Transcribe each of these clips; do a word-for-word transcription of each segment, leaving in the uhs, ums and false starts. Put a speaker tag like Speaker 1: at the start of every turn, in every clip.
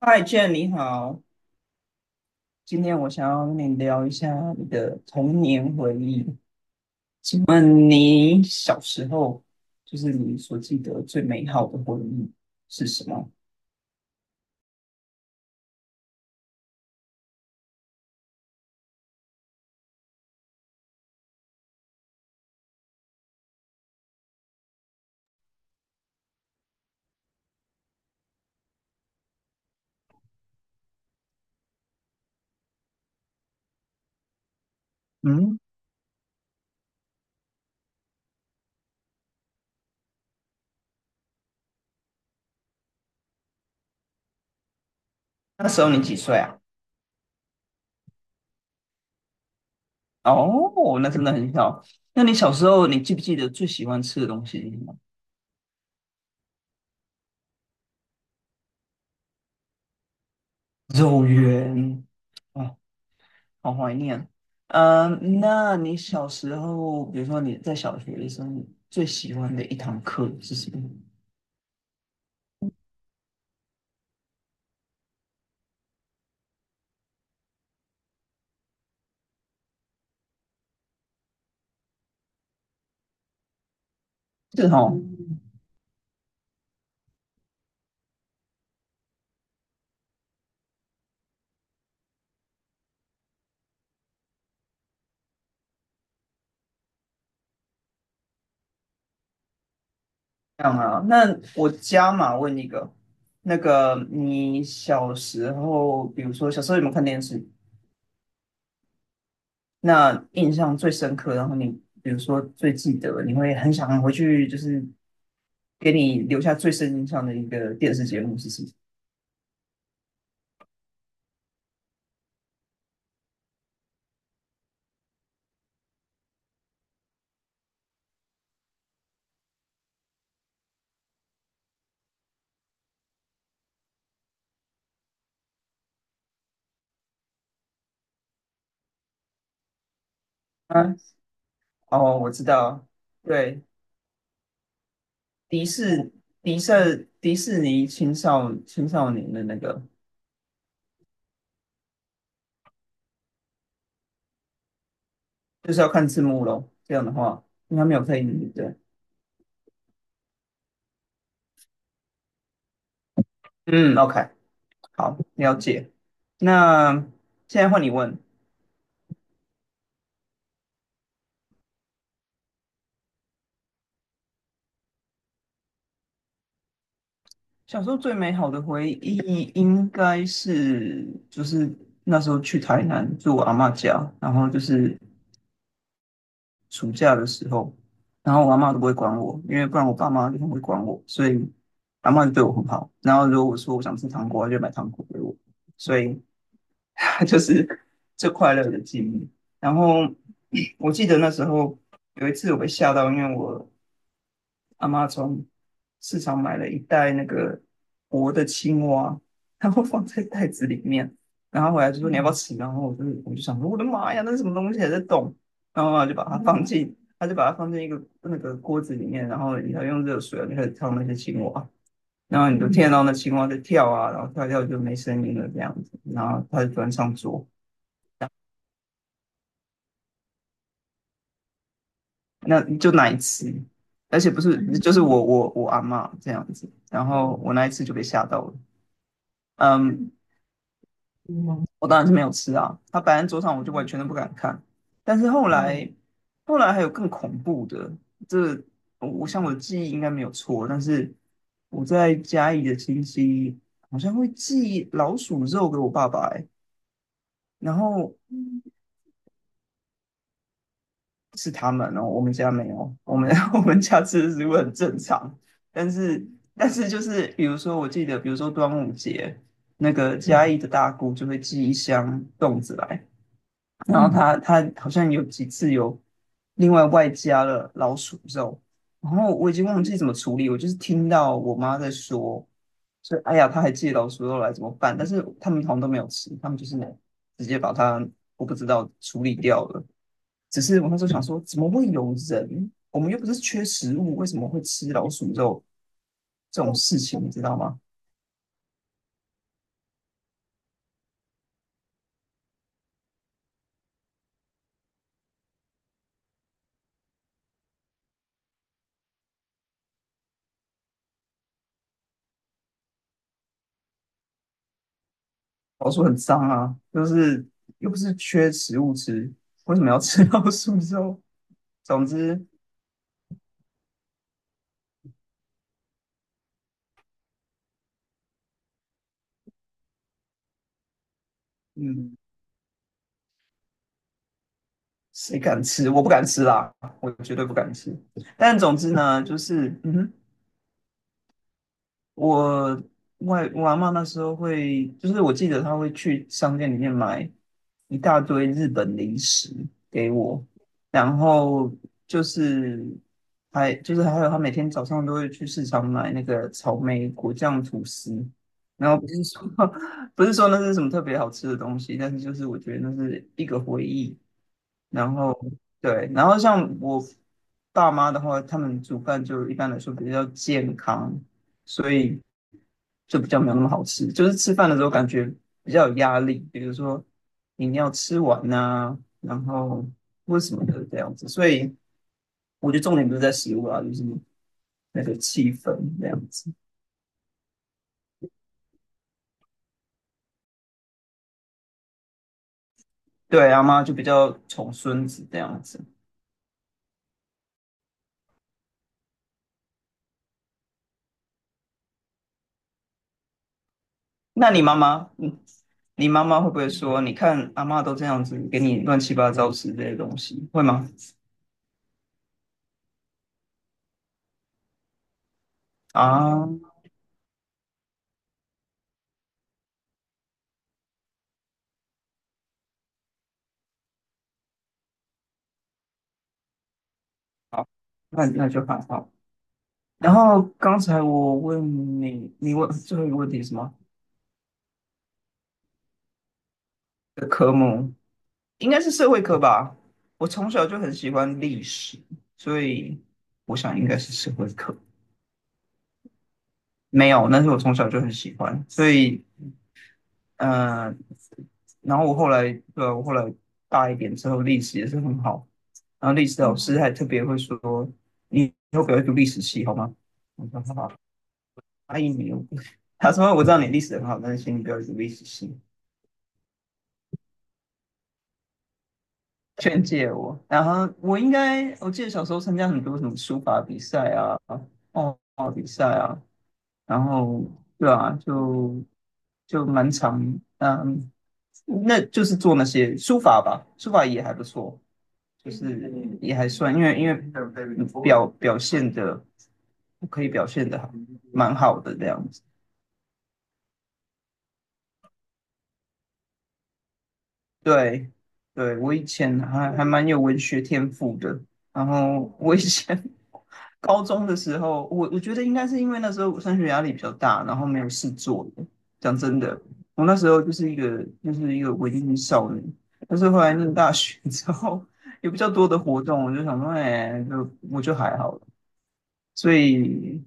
Speaker 1: 嗨，Jane，你好。今天我想要跟你聊一下你的童年回忆。请问你小时候，就是你所记得最美好的回忆是什么？嗯，那时候你几岁啊？哦，那真的很小。那你小时候，你记不记得最喜欢吃的东西是什么？肉圆。哦，好怀念。嗯，那你小时候，比如说你在小学的时候，你最喜欢的一堂课是什么？是哦。这样啊，那我加码问一个，那个你小时候，比如说小时候有没有看电视？那印象最深刻，然后你比如说最记得，你会很想回去，就是给你留下最深印象的一个电视节目是什么？啊，哦，我知道，对，迪士迪士迪士尼青少青少年的那个，就是要看字幕咯，这样的话，应该没有配音，对不对？嗯，OK。好，了解。那现在换你问，小时候最美好的回忆应该是就是那时候去台南住我阿嬷家，然后就是暑假的时候，然后我阿嬷都不会管我，因为不然我爸妈就很会管我，所以阿嬷就对我很好。然后如果我说我想吃糖果，她就买糖果给我，所以 就是最快乐的记忆。然后 我记得那时候有一次我被吓到，因为我阿妈从市场买了一袋那个活的青蛙，然后放在袋子里面，然后回来就说你要不要吃？然后我就我就想说我的妈呀，那是什么东西还在动？然后妈就把它放进，他就把它放进一个那个锅子里面，然后你要用热水啊，你开始烫那些青蛙，然后你就听得到那青蛙在跳啊，然后跳一跳就没声音了这样子，然后她就端上桌，那就难吃。而且不是，就是我我我阿嬷这样子，然后我那一次就被吓到了。嗯，嗯，我当然是没有吃啊，它摆在桌上，我就完全都不敢看。但是后来，后来还有更恐怖的，这个我我想我的记忆应该没有错，但是我在嘉义的亲戚好像会寄老鼠肉给我爸爸、欸，然后是他们哦，我们家没有，我们 我们家吃的食物很正常，但是但是就是比如说，我记得比如说端午节，那个嘉义的大姑就会寄一箱粽子来。然后他他好像有几次有另外外加了老鼠肉，然后我已经忘记怎么处理，我就是听到我妈在说，说哎呀，她还借老鼠肉来怎么办？但是他们好像都没有吃，他们就是直接把它我不知道处理掉了。只是我那时候想说，怎么会有人？我们又不是缺食物，为什么会吃老鼠肉这种事情，你知道吗？老鼠很脏啊，就是又不是缺食物吃，为什么要吃老鼠肉？总之，嗯，谁敢吃？我不敢吃啦，我绝对不敢吃。但总之呢，就是，嗯哼，我外我阿嬷那时候会，就是我记得她会去商店里面买一大堆日本零食给我，然后就是还就是还有她每天早上都会去市场买那个草莓果酱吐司，然后不是说 不是说那是什么特别好吃的东西，但是就是我觉得那是一个回忆。然后对，然后像我爸妈的话，他们煮饭就一般来说比较健康，所以就比较没有那么好吃。就是吃饭的时候感觉比较有压力，比如说你要吃完呐、然后或什么的这样子。所以我觉得重点不是在食物啊，就是那个气氛这样子。对，阿妈就比较宠孙子这样子。那你妈妈，你你妈妈会不会说，你看阿妈都这样子给你乱七八糟吃这些东西，会吗？啊，好，那那就还好。然后刚才我问你，你问最后一个问题是什么？的科目应该是社会科吧？我从小就很喜欢历史，所以我想应该是社会科。没有，但是我从小就很喜欢，所以呃，然后我后来对啊我后来大一点之后，历史也是很好。然后历史老师还特别会说：“你以后不要读历史系好吗？”我说：“好吧。”阿姨没有，他说：“我知道你历史很好，但是请你不要读历史系。”劝诫我，然后我应该，我记得小时候参加很多什么书法比赛啊、画画比赛啊，然后对啊，就就蛮长，嗯，那就是做那些书法吧，书法也还不错，就是也还算，因为因为表表现的可以表现的蛮好的这样子，对对，我以前还还蛮有文学天赋的，然后我以前高中的时候，我我觉得应该是因为那时候我升学压力比较大，然后没有事做。讲真的，我那时候就是一个就是一个文艺少女，但是后来念大学之后，有比较多的活动，我就想说，哎，就我就还好了，所以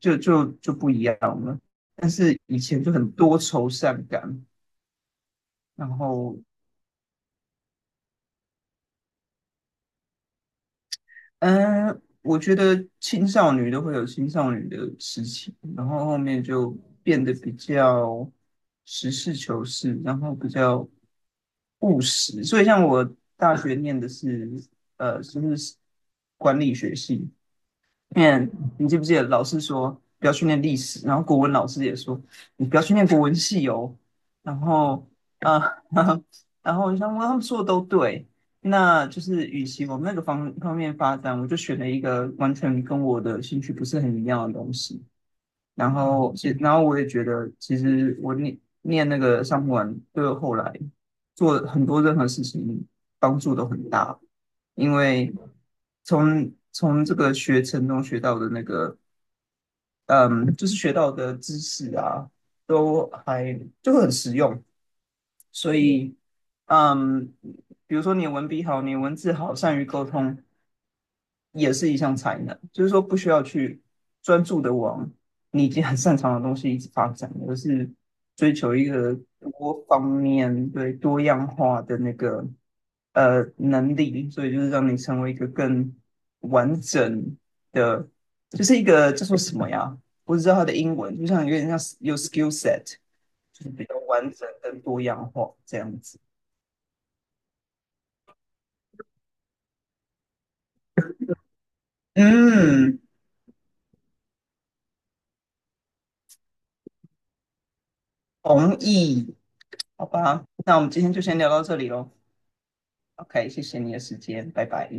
Speaker 1: 就就就不一样了。但是以前就很多愁善感，然后嗯，我觉得青少女都会有青少女的事情，然后后面就变得比较实事求是，然后比较务实。所以像我大学念的是呃，就是管理学系，念，你记不记得老师说不要去念历史，然后国文老师也说你不要去念国文系哦。然后，啊，然后，然后我想说他们说的都对，那就是与其往那个方方面发展，我就选了一个完全跟我的兴趣不是很一样的东西。然后其然后我也觉得，其实我念念那个上普丸，对我后来做很多任何事情帮助都很大，因为从从这个学程中学到的那个，嗯，就是学到的知识啊，都还就很实用，所以，嗯，比如说你文笔好，你文字好，善于沟通，也是一项才能，就是说不需要去专注的往你已经很擅长的东西一直发展，而是追求一个多方面对多样化的那个呃能力，所以就是让你成为一个更完整的，就是一个叫做什么呀？我只知道它的英文，就像有点像有 skill set，就是比较完整跟多样化这样子。嗯，同意，好吧，那我们今天就先聊到这里喽。OK，谢谢你的时间，拜拜。